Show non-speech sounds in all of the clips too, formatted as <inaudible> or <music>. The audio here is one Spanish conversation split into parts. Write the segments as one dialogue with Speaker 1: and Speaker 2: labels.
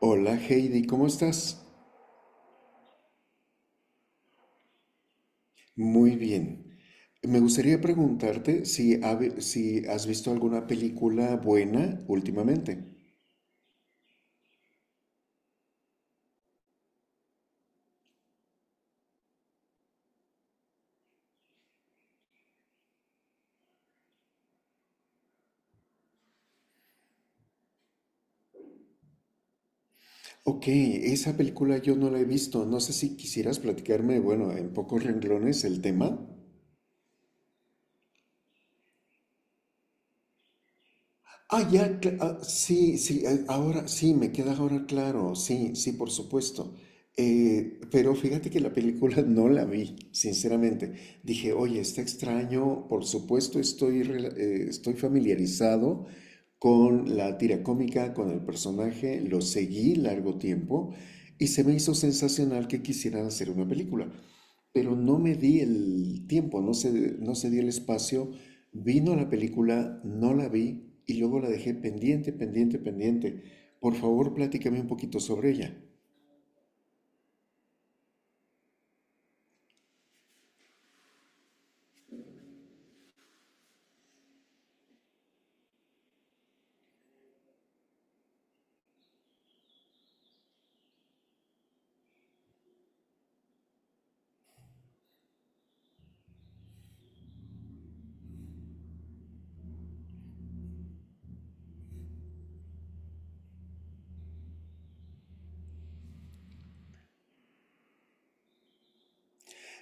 Speaker 1: Hola Heidi, ¿cómo estás? Muy bien. Me gustaría preguntarte si, si has visto alguna película buena últimamente. Ok, esa película yo no la he visto. No sé si quisieras platicarme, bueno, en pocos renglones el tema. Ah, ya, sí, sí, ahora sí, me queda ahora claro, sí, sí, por supuesto. Pero fíjate que la película <laughs> no la vi, sinceramente. Dije, oye, está extraño, por supuesto estoy, estoy familiarizado con la tira cómica, con el personaje, lo seguí largo tiempo y se me hizo sensacional que quisieran hacer una película, pero no me di el tiempo, no se, no se dio el espacio. Vino la película, no la vi y luego la dejé pendiente, pendiente, pendiente. Por favor, platícame un poquito sobre ella.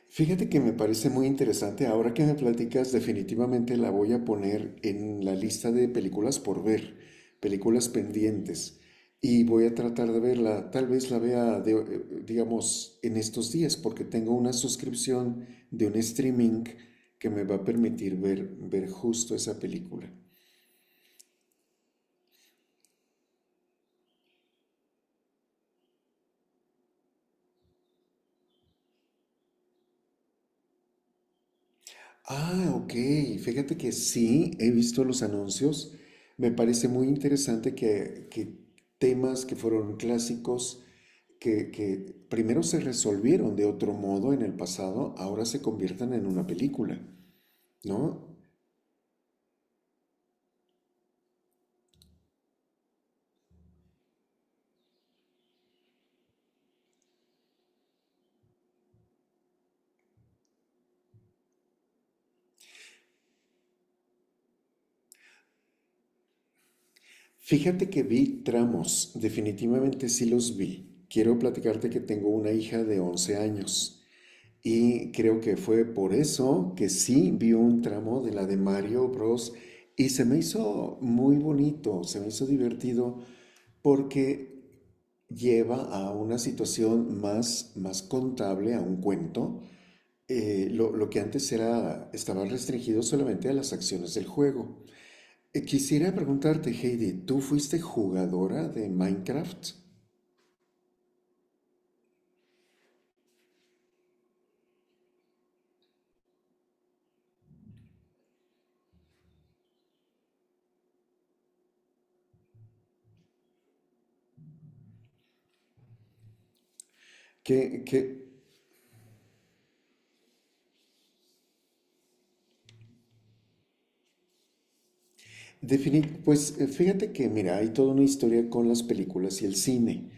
Speaker 1: Fíjate que me parece muy interesante. Ahora que me platicas, definitivamente la voy a poner en la lista de películas por ver, películas pendientes. Y voy a tratar de verla. Tal vez la vea, digamos, en estos días, porque tengo una suscripción de un streaming que me va a permitir ver justo esa película. Ah, ok. Fíjate que sí, he visto los anuncios. Me parece muy interesante que temas que fueron clásicos, que primero se resolvieron de otro modo en el pasado, ahora se conviertan en una película, ¿no? Fíjate que vi tramos, definitivamente sí los vi. Quiero platicarte que tengo una hija de 11 años. Y creo que fue por eso que sí vi un tramo de la de Mario Bros. Y se me hizo muy bonito, se me hizo divertido porque lleva a una situación más, más contable, a un cuento. Lo que antes era, estaba restringido solamente a las acciones del juego. Quisiera preguntarte, Heidi, ¿tú fuiste jugadora de Minecraft? Que Fíjate que, mira, hay toda una historia con las películas y el cine.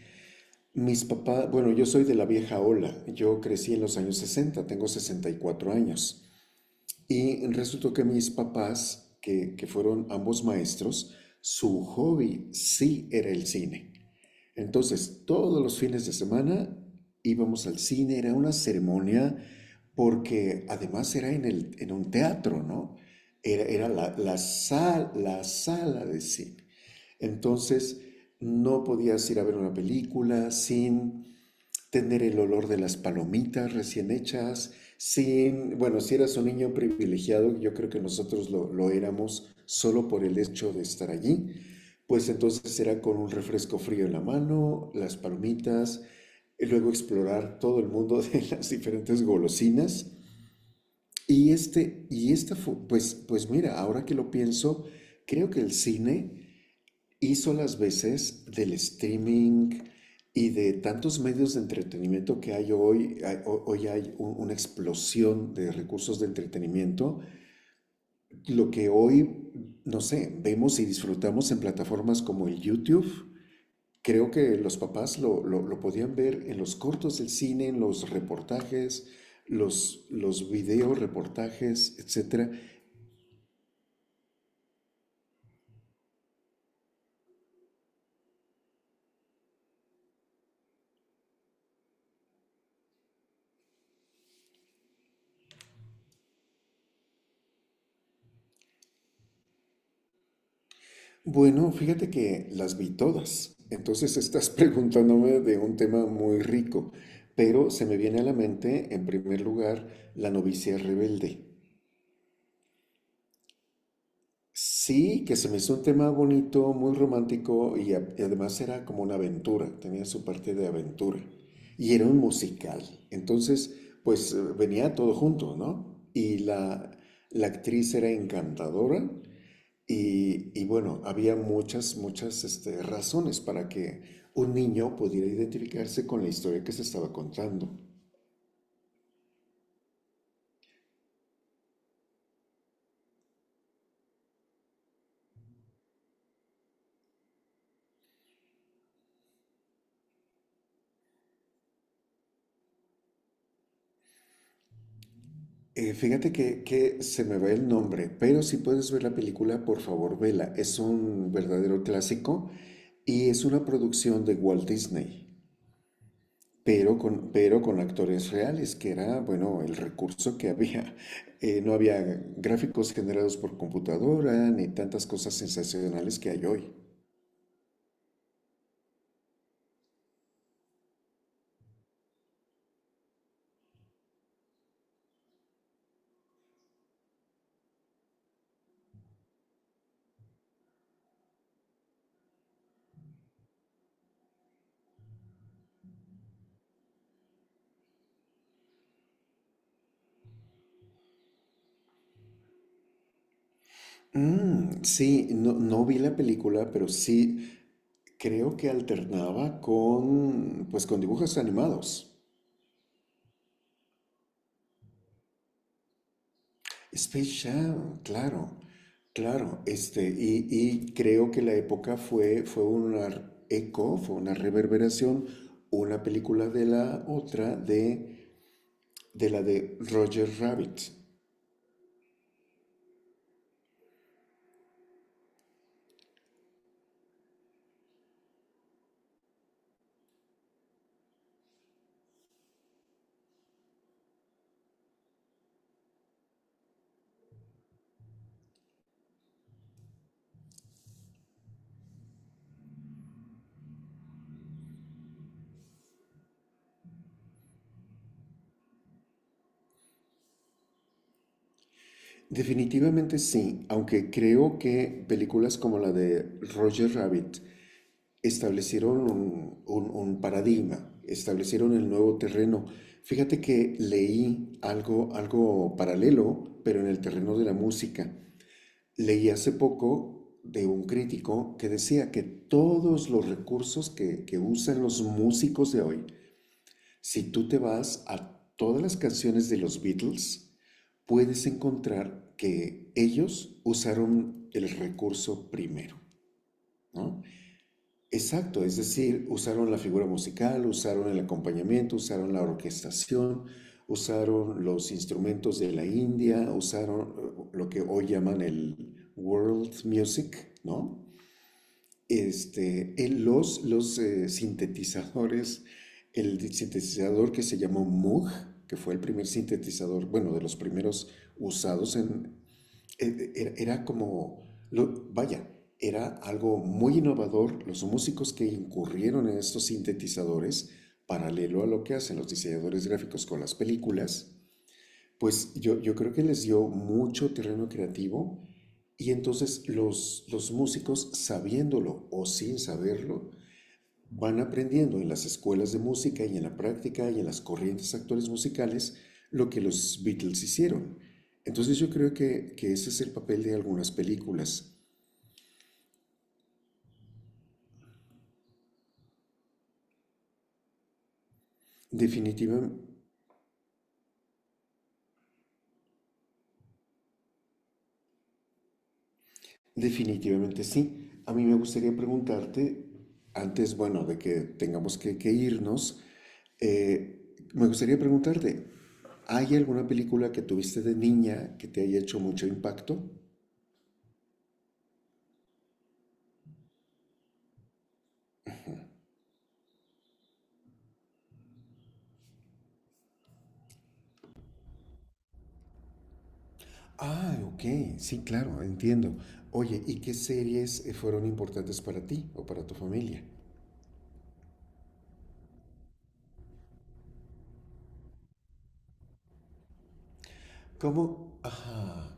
Speaker 1: Mis papás, bueno, yo soy de la vieja ola, yo crecí en los años 60, tengo 64 años, y resultó que mis papás, que fueron ambos maestros, su hobby sí era el cine. Entonces, todos los fines de semana íbamos al cine, era una ceremonia, porque además era en un teatro, ¿no? Era la sala de cine. Entonces, no podías ir a ver una película sin tener el olor de las palomitas recién hechas, sin, bueno, si eras un niño privilegiado, yo creo que nosotros lo éramos solo por el hecho de estar allí, pues entonces era con un refresco frío en la mano, las palomitas, y luego explorar todo el mundo <laughs> de las diferentes golosinas. Pues, pues mira, ahora que lo pienso, creo que el cine hizo las veces del streaming y de tantos medios de entretenimiento que hay hoy. Hoy hay una explosión de recursos de entretenimiento. Lo que hoy, no sé, vemos y disfrutamos en plataformas como el YouTube. Creo que los papás lo podían ver en los cortos del cine, en los reportajes, los video reportajes, etcétera. Bueno, fíjate que las vi todas. Entonces estás <laughs> preguntándome de un tema muy rico, pero se me viene a la mente, en primer lugar, La novicia rebelde. Sí, que se me hizo un tema bonito, muy romántico y además era como una aventura, tenía su parte de aventura. Y era un musical. Entonces, venía todo junto, ¿no? La actriz era encantadora. Y bueno, había muchas, muchas razones para que un niño pudiera identificarse con la historia que se estaba contando. Fíjate que se me va el nombre, pero si puedes ver la película, por favor, vela. Es un verdadero clásico y es una producción de Walt Disney, pero pero con actores reales, que era, bueno, el recurso que había. <laughs> No había gráficos generados por computadora ni tantas cosas sensacionales que hay hoy. Mm, sí, no, no vi la película, pero sí creo que alternaba con, pues, con dibujos animados. Space Jam, claro, claro. Este, y creo que la época fue, fue una eco, fue una reverberación, una película de la otra, de la de Roger Rabbit. Definitivamente sí, aunque creo que películas como la de Roger Rabbit establecieron un paradigma, establecieron el nuevo terreno. Fíjate que leí algo, algo paralelo, pero en el terreno de la música. Leí hace poco de un crítico que decía que todos los recursos que usan los músicos de hoy, si tú te vas a todas las canciones de los Beatles, puedes encontrar que ellos usaron el recurso primero, ¿no? Exacto, es decir, usaron la figura musical, usaron el acompañamiento, usaron la orquestación, usaron los instrumentos de la India, usaron lo que hoy llaman el world music, ¿no? Este, en los sintetizadores, el sintetizador que se llamó Moog, que fue el primer sintetizador, bueno, de los primeros usados en, era, era como, vaya, era algo muy innovador los músicos que incurrieron en estos sintetizadores, paralelo a lo que hacen los diseñadores gráficos con las películas, pues yo creo que les dio mucho terreno creativo y entonces los músicos, sabiéndolo o sin saberlo, van aprendiendo en las escuelas de música y en la práctica y en las corrientes actuales musicales lo que los Beatles hicieron. Entonces yo creo que ese es el papel de algunas películas. Definitiva- Definitivamente sí. A mí me gustaría preguntarte, antes, bueno, de que tengamos que irnos, me gustaría preguntarte, ¿hay alguna película que tuviste de niña que te haya hecho mucho impacto? Ah, ok, sí, claro, entiendo. Oye, ¿y qué series fueron importantes para ti o para tu familia? ¿Cómo? Ajá.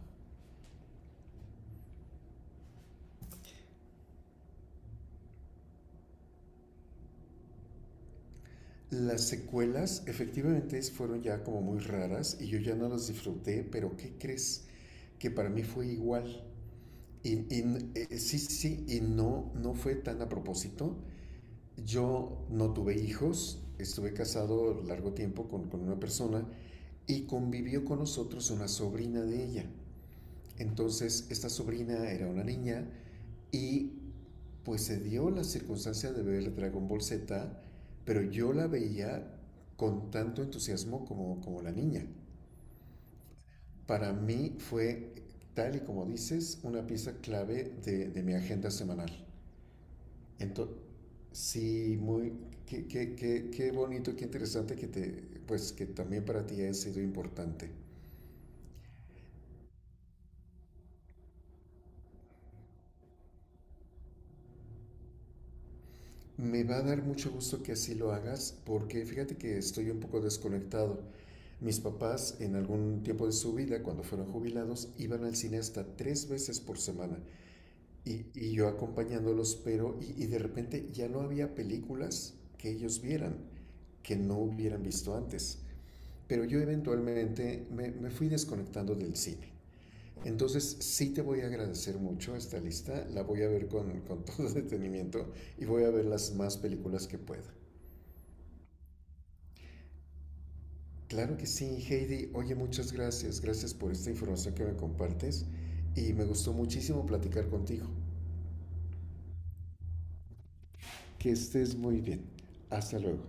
Speaker 1: Las secuelas efectivamente fueron ya como muy raras y yo ya no las disfruté, pero ¿qué crees? Que para mí fue igual. Sí, sí, sí, y no, no fue tan a propósito. Yo no tuve hijos, estuve casado largo tiempo con una persona y convivió con nosotros una sobrina de ella. Entonces, esta sobrina era una niña y pues se dio la circunstancia de ver Dragon Ball Z, pero yo la veía con tanto entusiasmo como, como la niña. Para mí fue, tal y como dices, una pieza clave de mi agenda semanal. Entonces, sí, muy, qué, qué, qué, qué bonito, qué interesante que, te, pues, que también para ti ha sido importante. Me va a dar mucho gusto que así lo hagas porque fíjate que estoy un poco desconectado. Mis papás en algún tiempo de su vida, cuando fueron jubilados, iban al cine hasta 3 veces por semana y yo acompañándolos, pero y de repente ya no había películas que ellos vieran, que no hubieran visto antes. Pero yo eventualmente me fui desconectando del cine. Entonces sí te voy a agradecer mucho esta lista, la voy a ver con <laughs> todo detenimiento y voy a ver las más películas que pueda. Claro que sí, Heidi. Oye, muchas gracias. Gracias por esta información que me compartes y me gustó muchísimo platicar contigo. Que estés muy bien. Hasta luego.